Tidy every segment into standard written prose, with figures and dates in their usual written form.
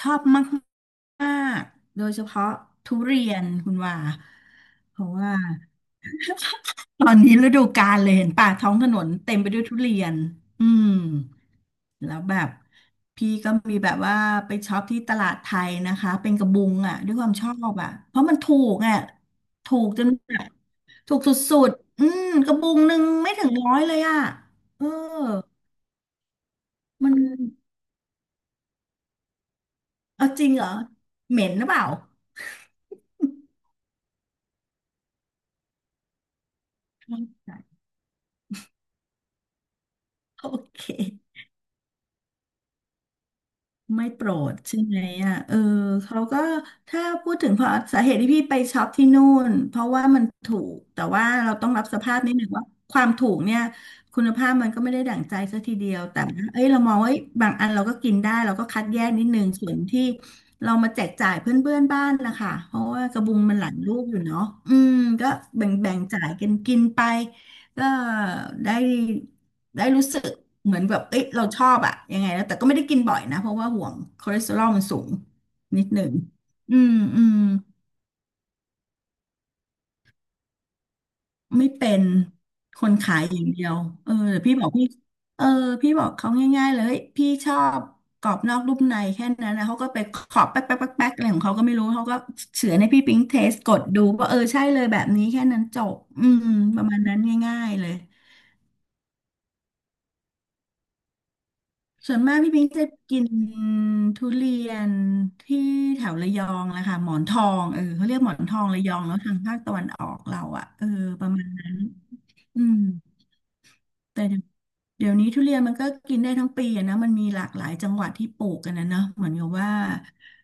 ชอบมากมากโดยเฉพาะทุเรียนคุณว่าเพราะว่าตอนนี้ฤดูกาลเลยเห็นป่าท้องถนนเต็มไปด้วยทุเรียนอืมแล้วแบบพี่ก็มีแบบว่าไปช็อปที่ตลาดไทยนะคะเป็นกระบุงอ่ะด้วยความชอบอ่ะเพราะมันถูกอ่ะถูกจนแบบถูกสุดๆอืมกระบุงหนึ่งไม่ถึงร้อยเลยอ่ะเออมันเอาจริงเหรอเหม็นหรือเปล่า โอเค ไม่โปรดใช่ไหมอ่ะเออเขาก็ถ้าพูดถึงเพราะสาเหตุที่พี่ไปช็อปที่นู่นเพราะว่ามันถูกแต่ว่าเราต้องรับสภาพนิดหนึ่งว่าความถูกเนี่ยคุณภาพมันก็ไม่ได้ดั่งใจซะทีเดียวแต่ว่าเอ้ยเรามองว่าเอ้ยบางอันเราก็กินได้เราก็คัดแยกนิดนึงส่วนที่เรามาแจกจ่ายเพื่อนๆบ้านนะคะเพราะว่ากระบุงมันหลายลูกอยู่เนาะอืมก็แบ่งๆจ่ายกันกินไปก็ได้ ได้รู้สึกเหมือนแบบเอ้ยเราชอบอะยังไงแล้วแต่ก็ไม่ได้กินบ่อยนะ เพราะว่าห่วงคอเลสเตอรอลมันสูงนิดหนึ่งอืมอืมไม่เป็นคนขายอย่างเดียวเออแต่พี่บอกพี่เออพี่บอกเขาง่ายๆเลยเฮ้ยพี่ชอบกรอบนอกนุ่มในแค่นั้นนะเขาก็ไปขอบแป๊กแป๊กแป๊กแป๊กอะไรของเขาก็ไม่รู้ เขาก็เฉือนให้พี่ปิ๊งเทสกดดูว่าเออใช่เลยแบบนี้แค่นั้นจบอืมประมาณนั้นง่ายๆเลย ส่วนมากพี่พิงจะกินทุเรียนที่แถวระยองแหละค่ะหมอนทองเออเขาเรียกหมอนทองระยองแล้วทางภาคตะวันออกเราอะเออประมาณนั้นอืมแต่เดี๋ยวเดี๋ยวนี้ทุเรียนมันก็กินได้ทั้งปีอะนะมันมีหลากหลายจังหวัดที่ปลูกกันนะเนาะเหมือนกับว่า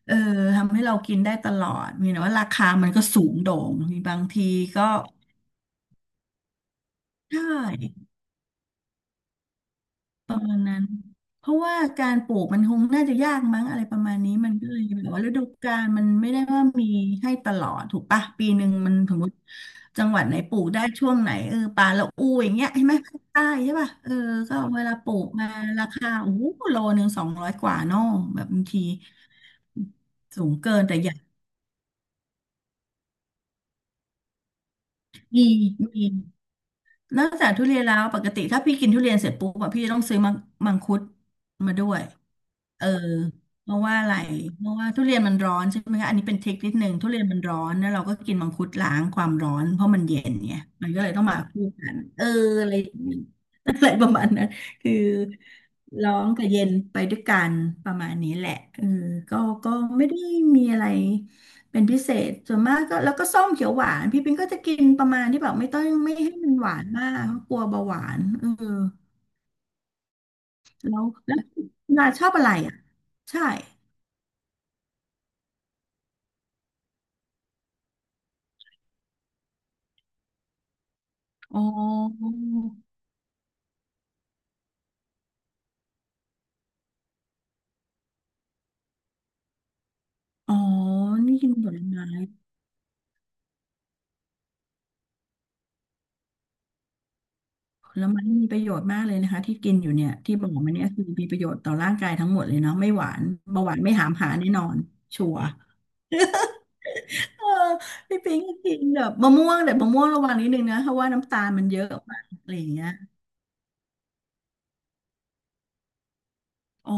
เออทำให้เรากินได้ตลอดมีแต่ว่าราคามันก็สูงโด่งมีบางทีก็ใช่ ประมาณนั้นเพราะว่าการปลูกมันคงน่าจะยากมั้งอะไรประมาณนี้มันก็เลยแบบว่าฤดูกาลมันไม่ได้ว่ามีให้ตลอดถูกปะปีหนึ่งมันสมมติจังหวัดไหนปลูกได้ช่วงไหนเออปลาละอูอย่างเงี้ยใช่ไหมภาคใต้ใช่ป่ะเออก็เวลาปลูกมาราคาโอ้โหโลหนึ่ง200กว่าเนอะแบบบางทีสูงเกินแต่อยากมีมี นอกจากทุเรียนแล้วปกติถ้าพี่กินทุเรียนเสร็จปุ๊บอะพี่จะต้องซื้อมังคุดมาด้วยเออเพราะว่าอะไรเพราะว่าทุเรียนมันร้อนใช่ไหมคะอันนี้เป็นเทคนิคนิดนึงทุเรียนมันร้อนแล้วเราก็กินมังคุดล้างความร้อนเพราะมันเย็นไงมันก็เลยต้องมาคู่กันเอออะไรอย่างนี้อะไรประมาณนั้นคือร้อนกับเย็นไปด้วยกันประมาณนี้แหละเออก็ก็ไม่ได้มีอะไร เป็นพิเศษส่วนมากก็แล้วก็ส้มเขียวหวานพี่ปิงก็จะกินประมาณที่แบบไม่ต้องไม่ให้มันหวานมากเพราะกลัวเบาหวานเออแล้วนาชอบอะไรอ่ะใช่อ๋ออ๋อนี่กินผลไม้ผลไม้มีประโยชน์มากเลยนะคะที่กินอยู่เนี่ยที่บอกมาเนี่ยคือมีประโยชน์ต่อร่างกายทั้งหมดเลยเนาะไม่หวานเบาหวานไม่หามหาแน่นอนชัวร์เออพี่ปิงก็กินแบบมะม่วงแต่มะม่วงระวังนิดนึงนะเพราะว่าน้ำตาลมันเยอะมากอะไรอย่างเงี้ยอ๋อ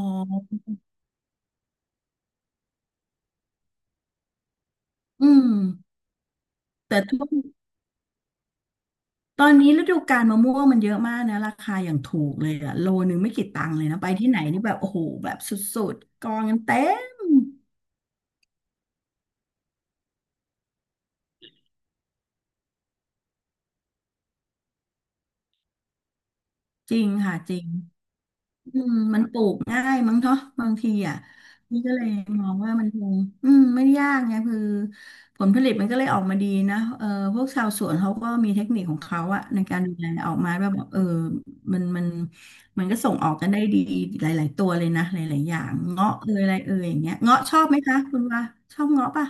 อืม แต่ทุกตอนนี้ฤดูกาลมะม่วงมันเยอะมากนะราคาอย่างถูกเลยอะโลนึงไม่กี่ตังค์เลยนะไปที่ไหนนี่แบบโอ้โหแบบสุดๆกองกันเต็มจริงค่ะจริง อืมมันปลูกง่ายมั้งเนาะบางทีอ่ะนี่ก็เลยมองว่ามันคงอืมไม่ได้ยากไงคือผลผลิตมันก็เลยออกมาดีนะเออพวกชาวสวนเขาก็มีเทคนิคของเขาอะในการดูแลออกมาว่าแบบเออมันมันมันก็ส่งออกกันได้ดีหลายๆตัวเลยนะหลายๆอย่างเงาะเอยอะไรเอยอย่างเงี้ยเงาะชอบไหมคะคุณว่าชอบเงาะป่ะ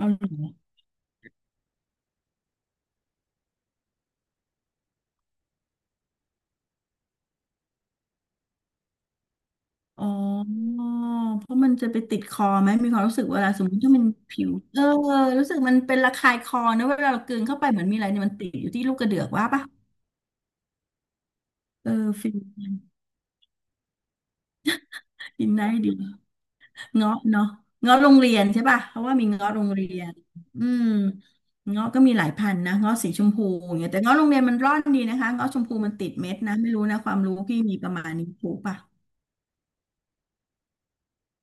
ออ อ๋อ เพราะมันจะไปติดคอไหมมีความรู้สึกเวลาสมมติถ้ามันผิวรู้สึกมันเป็นระคายคอนะเวลาเรากลืนเข้าไปเหมือนมีอะไรเนี่ยมันติดอยู่ที่ลูกกระเดือกว่าปะเออฟินได้ดีเงาะเนาะเงาะโรงเรียนใช่ป่ะเพราะว่ามีเงาะโรงเรียนอืมเงาะก็มีหลายพันธุ์นะเงาะสีชมพูอย่างเงี้ยแต่เงาะโรงเรียนมันร่อนดีนะคะเงาะชมพูมันติดเม็ดนะไม่รู้นะความรู้พี่มีประมาณนี้ถูกป่ะ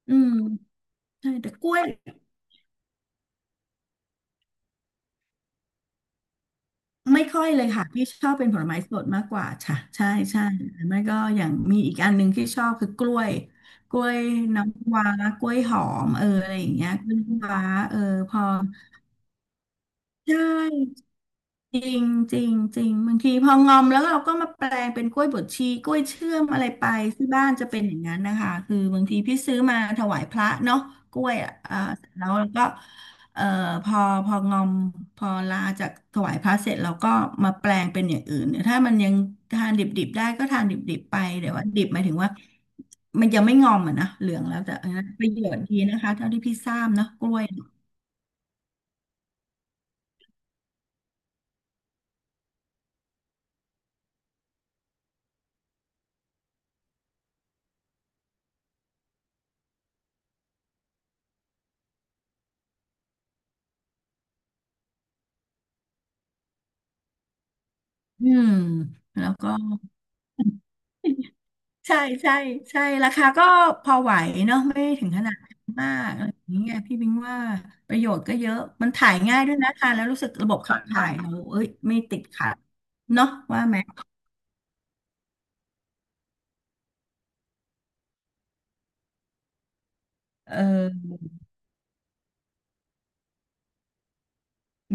อืมใช่แต่กล้วย ไม่ค่อยเลยค่ะพี่ชอบเป็นผลไม้สดมากกว่าค่ะใช่ใช่หรือไม่ก็อย่างมีอีกอันหนึ่งที่ชอบคือกล้วยกล้วยน้ำว้ากล้วยหอมอะไรอย่างเงี้ยกล้วยน้ำว้าเออพอใช่ จริงจริงจริงบางทีพองอมแล้วเราก็มาแปลงเป็นกล้วยบวชชีกล้วยเชื่อมอะไรไปที่บ้านจะเป็นอย่างนั้นนะคะคือบางทีพี่ซื้อมาถวายพระเนาะกล้วยอ่ะเสร็จแล้วก็เอ่อพอพองอมพอลาจากถวายพระเสร็จเราก็มาแปลงเป็นอย่างอื่นถ้ามันยังทานดิบๆได้ก็ทานดิบๆไปแต่วว่าดิบหมายถึงว่ามันยังไม่งอมอ่ะนะเหลืองแล้วแต่อันนั้นประโยชน์ดีนะคะเท่าที่พี่ทราบเนาะกล้วยอืมแล้วก็ ใช่ใช่ใช่ราคาก็พอไหวเนาะไม่ถึงขนาดมากอะไรอย่างเงี้ยพี่บิงว่าประโยชน์ก็เยอะมันถ่ายง่ายด้วยนะคะแล้วรู้สึกระบบขับถ่ายเราเอ้ยไม่ติดขัดเนาะว่าไหมเออ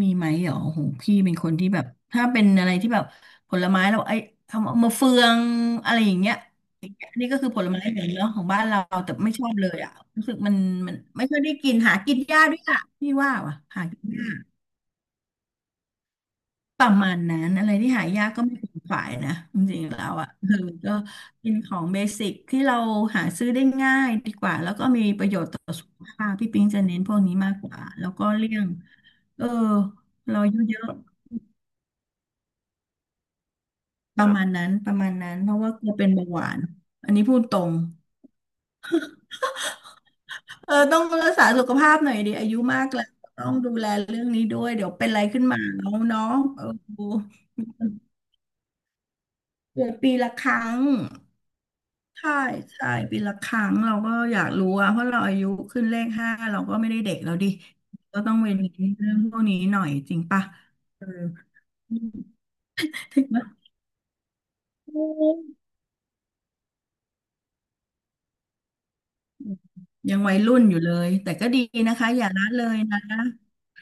มีไหมเหรอโอโหพี่เป็นคนที่แบบถ้าเป็นอะไรที่แบบผลไม้เราไอ้คำว่ามะเฟืองอะไรอย่างเงี้ยอันนี้ก็คือผลไม้เหมือนเนาะของบ้านเราแต่ไม่ชอบเลยอ่ะรู้สึกมันไม่ค่อยได้กินหากินยากด้วยอ่ะพี่ว่าว่ะหา ประมาณนั้นอะไรที่หายากก็ไม่เป็นฝ่ายนะจริงๆแล้วอ่ะคือก็กินของเบสิกที่เราหาซื้อได้ง่ายดีกว่าแล้วก็มีประโยชน์ต่อสุขภาพพี่ปิงจะเน้นพวกนี้มากกว่าแล้วก็เลี่ยงเออเราอายุเยอะๆประมาณนั้นเพราะว่ากลัวเป็นเบาหวานอันนี้พูดตรงต้องรักษาสุขภาพหน่อยดิอายุมากแล้วต้องดูแลเรื่องนี้ด้วยเดี๋ยวเป็นอะไรขึ้นมาน้องเนาะเออเกิดปีละครั้ง ใช่ใช่ปีละครั้งเราก็อยากรู้อะเพราะเราอายุขึ้นเลขห้าเราก็ไม่ได้เด็กแล้วดิก็ต้องเว้นเรื่องพวกนี้หน่อยจริงปะเออ ถึงว่าโอ้ยังวัยรุ่นอยู่เลยแต่ก็ดีนะคะอย่าละเลยนะ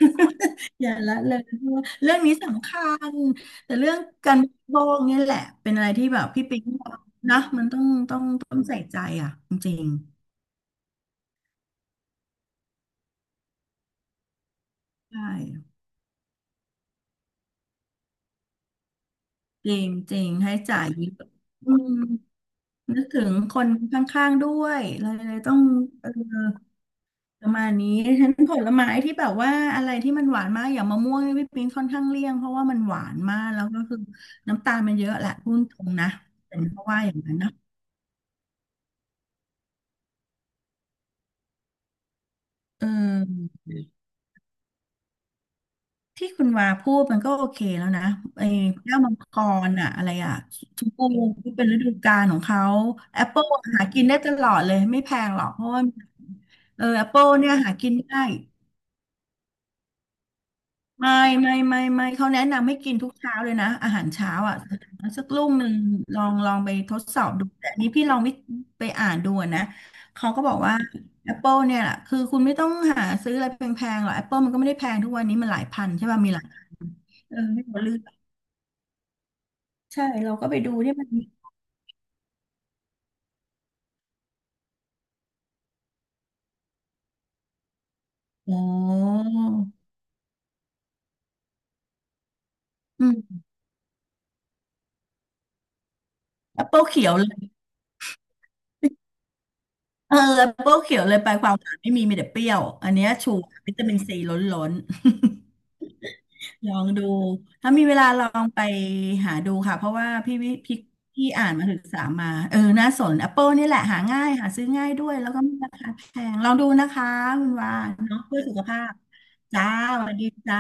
อย่าละเลยเพราะว่าเรื่องนี้สำคัญแต่เรื่องการบริโภคเนี่ยแหละเป็นอะไรที่แบบพี่ปิ๊งบอกนะมันต้องใส่ใจอ่ะจริงๆใช่จริงจริงให้จ่ายเยอะอืม นึกถึงคนข้างๆด้วยเลยต้องเออประมาณนี้ฉะนันผลไม้ที่แบบว่าอะไรที่มันหวานมากอย่างมะม่วงนี่พี่ปิงค่อนข้างเลี่ยงเพราะว่ามันหวานมากแล้วก็คือน้ำตาลมันเยอะแหละพูดตรงนะเป็นเพราะว่าอย่างนั้นนะเออที่คุณวาพูดมันก็โอเคแล้วนะไอ้แก้วมังกรอะอะไรอะชมพูที่เป็นฤดูกาลของเขาแอปเปิลหากินได้ตลอดเลยไม่แพงหรอกเพราะว่าแอปเปิลเนี่ยหากินได้ ไม่ไม่ไม่เขาแนะนำให้กินทุกเช้าเลยนะอาหารเช้าอ่ะสักลูกหนึ่งลองไปทดสอบดูแต่อันนี้พี่ลองไปอ่านดูอะนะเขาก็บอกว่า Apple เนี่ยแหละคือคุณไม่ต้องหาซื้ออะไรแพงๆหรอก Apple มันก็ไม่ได้แพงทุกวันนี้มันหลายพันใช่ป่ะมีหลายไม่ต้องเลือกใช่เราก็ไปดูที่มันมีอ๋ออืม Apple เขียวเลยเออ Apple เขียวเลยไปความหวานไม่มีมีแต่เปรี้ยวอันเนี้ยชูวิตามินซีล้นๆ ลองดูถ้ามีเวลาลองไปหาดูค่ะเพราะว่าพี่วิพี่พี่อ่านมาศึกษามาน่าสน Apple นี่แหละหาง่ายหาซื้อง่ายด้วยแล้วก็ไม่ราคาแพงลองดูนะคะคุณวานเนาะเพื่อสุขภาพจ้าสวัสดีจ้า